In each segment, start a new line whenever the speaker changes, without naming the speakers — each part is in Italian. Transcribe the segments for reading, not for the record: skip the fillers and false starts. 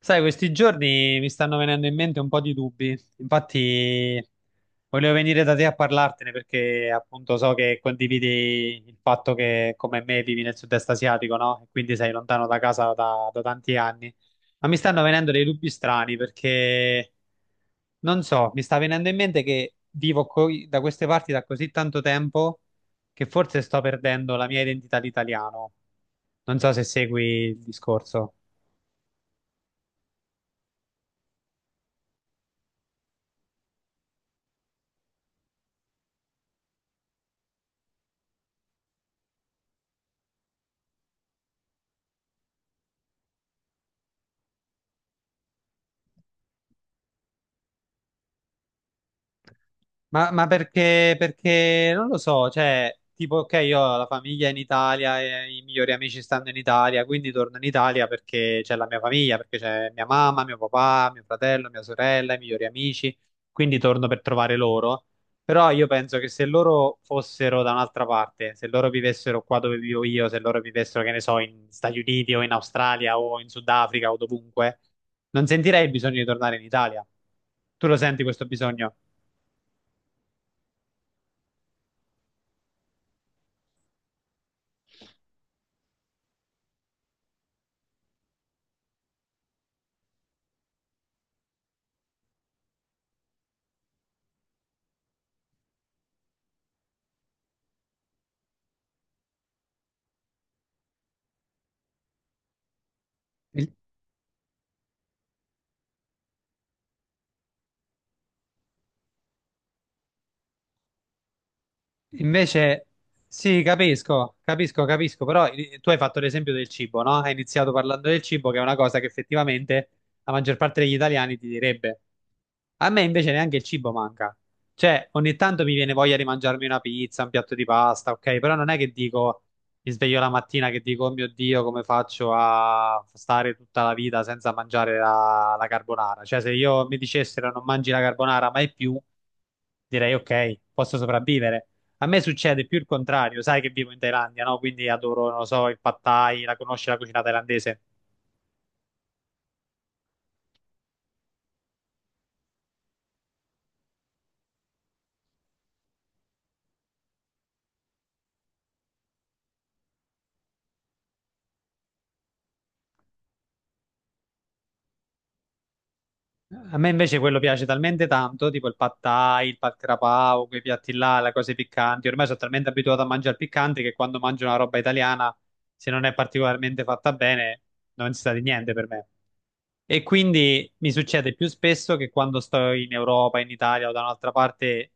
Sai, questi giorni mi stanno venendo in mente un po' di dubbi. Infatti, volevo venire da te a parlartene perché appunto so che condividi il fatto che come me vivi nel sud-est asiatico, no? E quindi sei lontano da casa da tanti anni. Ma mi stanno venendo dei dubbi strani perché non so, mi sta venendo in mente che da queste parti da così tanto tempo che forse sto perdendo la mia identità di italiano. Non so se segui il discorso. Perché non lo so, cioè, tipo, ok, io ho la famiglia in Italia, e i migliori amici stanno in Italia, quindi torno in Italia perché c'è la mia famiglia, perché c'è mia mamma, mio papà, mio fratello, mia sorella, i migliori amici, quindi torno per trovare loro. Però io penso che se loro fossero da un'altra parte, se loro vivessero qua dove vivo io, se loro vivessero, che ne so, in Stati Uniti o in Australia o in Sudafrica o dovunque, non sentirei il bisogno di tornare in Italia. Tu lo senti questo bisogno? Invece, sì, capisco, capisco, capisco, però tu hai fatto l'esempio del cibo, no? Hai iniziato parlando del cibo, che è una cosa che effettivamente la maggior parte degli italiani ti direbbe. A me invece neanche il cibo manca. Cioè, ogni tanto mi viene voglia di mangiarmi una pizza, un piatto di pasta, ok? Però non è che dico, mi sveglio la mattina che dico, oh mio Dio, come faccio a stare tutta la vita senza mangiare la carbonara? Cioè, se io mi dicessero non mangi la carbonara mai più direi ok, posso sopravvivere. A me succede più il contrario, sai che vivo in Thailandia, no? Quindi adoro, non lo so, il pad thai, la conosci la cucina thailandese? A me invece quello piace talmente tanto, tipo il pad thai, il pad krapao, quei piatti là, le cose piccanti. Ormai sono talmente abituato a mangiare piccante che quando mangio una roba italiana, se non è particolarmente fatta bene, non si sa di niente per me. E quindi mi succede più spesso che quando sto in Europa, in Italia o da un'altra parte,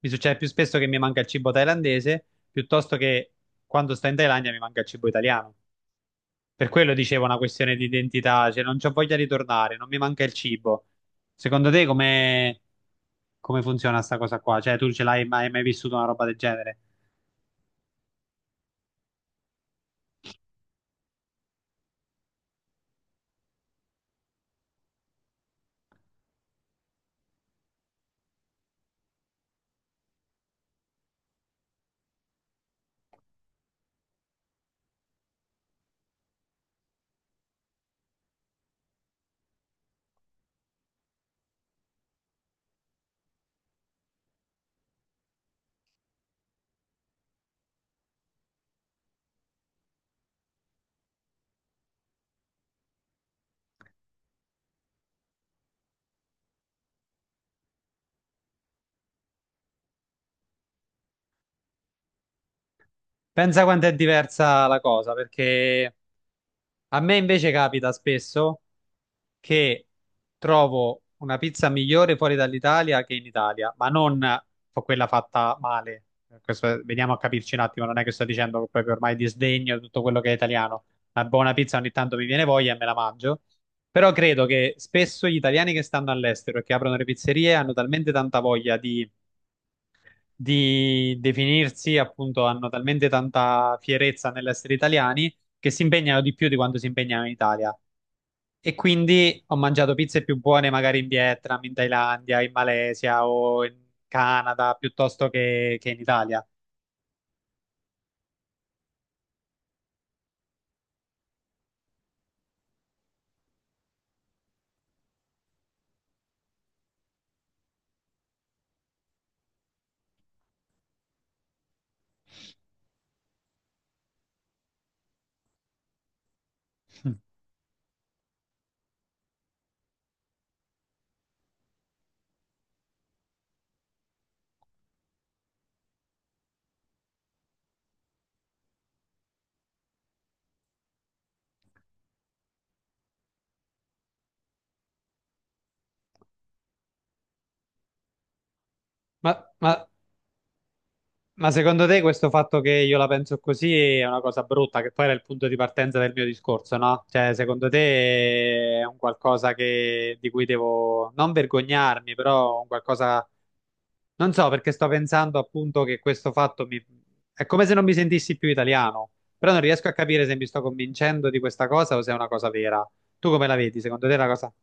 mi succede più spesso che mi manca il cibo thailandese piuttosto che quando sto in Thailandia mi manca il cibo italiano. Per quello dicevo una questione di identità, cioè non c'ho voglia di tornare, non mi manca il cibo. Secondo te come, come funziona sta cosa qua? Cioè tu ce l'hai mai, mai vissuto una roba del genere? Pensa quanto è diversa la cosa, perché a me invece capita spesso, che trovo una pizza migliore fuori dall'Italia che in Italia, ma non fa- quella fatta male. Veniamo a capirci un attimo, non è che sto dicendo che proprio ormai disdegno tutto quello che è italiano. Una buona pizza ogni tanto mi viene voglia e me la mangio. Però credo che spesso gli italiani che stanno all'estero e che aprono le pizzerie hanno talmente tanta voglia di definirsi, appunto, hanno talmente tanta fierezza nell'essere italiani che si impegnano di più di quanto si impegnano in Italia. E quindi ho mangiato pizze più buone magari in Vietnam, in Thailandia, in Malesia o in Canada piuttosto che in Italia. Mm. Ma, ma- ma secondo te questo fatto che io la penso così è una cosa brutta, che poi era il punto di partenza del mio discorso, no? Cioè, secondo te è un qualcosa di cui devo non vergognarmi, però un qualcosa… Non so perché sto pensando appunto che questo fatto mi… è come se non mi sentissi più italiano, però non riesco a capire se mi sto convincendo di questa cosa o se è una cosa vera. Tu come la vedi? Secondo te è una cosa…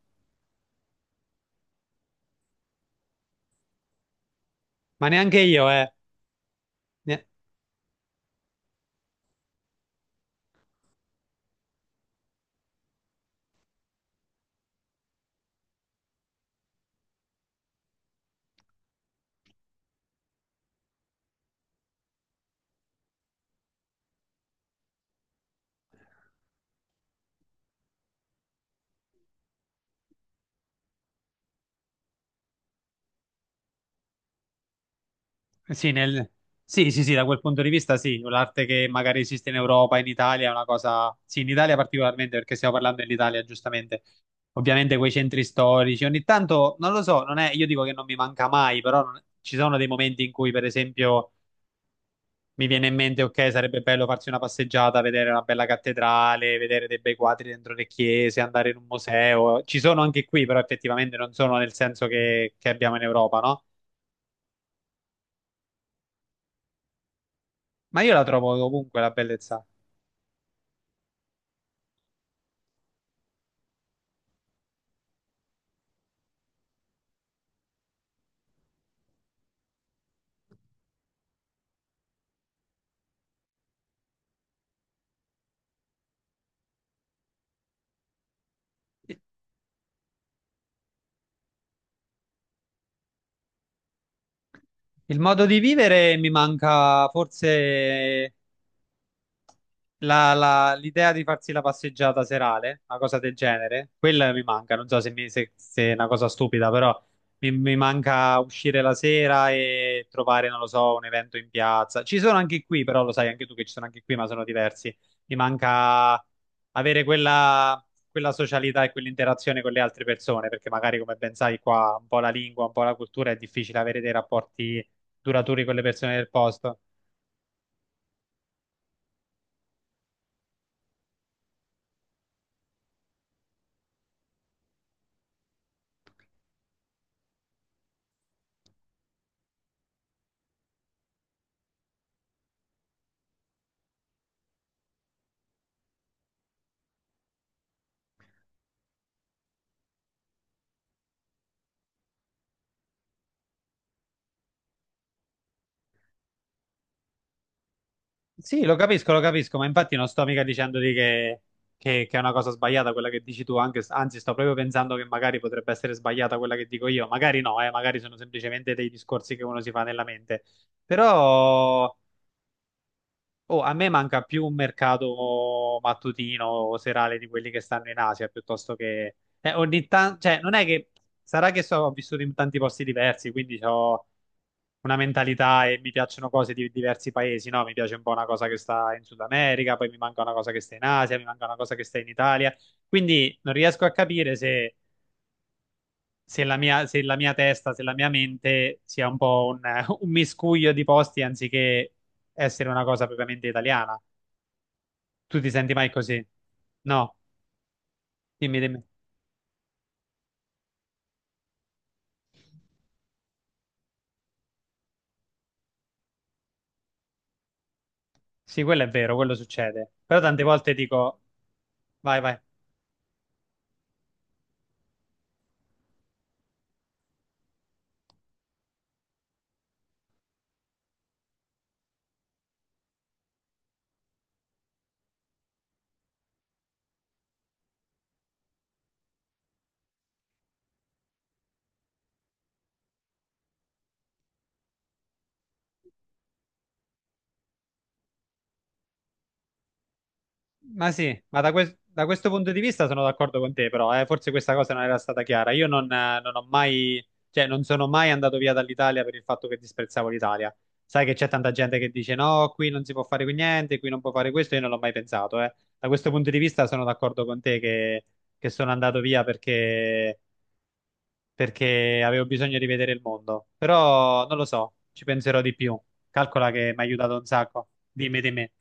Ma neanche io, eh. Ne- Sì, sì, sì, sì, da quel punto di vista sì, l'arte che magari esiste in Europa, in Italia è una cosa… Sì, in Italia particolarmente perché stiamo parlando dell'Italia, giustamente. Ovviamente quei centri storici, ogni tanto, non lo so, non è… io dico che non mi manca mai, però ci sono dei momenti in cui, per esempio… mi viene in mente, ok, sarebbe bello farsi una passeggiata, vedere una bella cattedrale, vedere dei bei quadri dentro le chiese, andare in un museo. Ci sono anche qui, però effettivamente non sono nel senso che abbiamo in Europa, no? Ma io la trovo ovunque la bellezza. Il modo di vivere mi manca forse l'idea di farsi la passeggiata serale, una cosa del genere, quella mi manca. Non so se, se è una cosa stupida, però mi manca uscire la sera e trovare, non lo so, un evento in piazza. Ci sono anche qui, però lo sai anche tu che ci sono anche qui, ma sono diversi. Mi manca avere quella, quella socialità e quell'interazione con le altre persone, perché magari, come ben sai, qua un po' la lingua, un po' la cultura è difficile avere dei rapporti duraturi con le persone del posto. Sì, lo capisco, ma infatti non sto mica dicendoti che, che è una cosa sbagliata quella che dici tu, anzi sto proprio pensando che magari potrebbe essere sbagliata quella che dico io, magari no, magari sono semplicemente dei discorsi che uno si fa nella mente, però oh, a me manca più un mercato mattutino o serale di quelli che stanno in Asia, piuttosto che… ogni tanto, cioè non è che… Sarà che so, ho vissuto in tanti posti diversi, quindi ho una mentalità e mi piacciono cose di diversi paesi, no? Mi piace un po' una cosa che sta in Sud America, poi mi manca una cosa che sta in Asia, mi manca una cosa che sta in Italia. Quindi non riesco a capire se, se la mia, se la mia testa, se la mia mente sia un po' un, un miscuglio di posti anziché essere una cosa propriamente italiana. Tu ti senti mai così? No, dimmi, dimmi. Sì, quello è vero, quello succede. Però tante volte dico, vai, vai. Ma sì, ma da questo punto di vista sono d'accordo con te, però forse questa cosa non era stata chiara. Io non, non ho mai, cioè non sono mai andato via dall'Italia per il fatto che disprezzavo l'Italia. Sai che c'è tanta gente che dice no, qui non si può fare qui niente, qui non può fare questo, io non l'ho mai pensato, eh. Da questo punto di vista sono d'accordo con te che sono andato via perché, perché avevo bisogno di vedere il mondo. Però non lo so, ci penserò di più. Calcola che mi ha aiutato un sacco. Dimmi di me.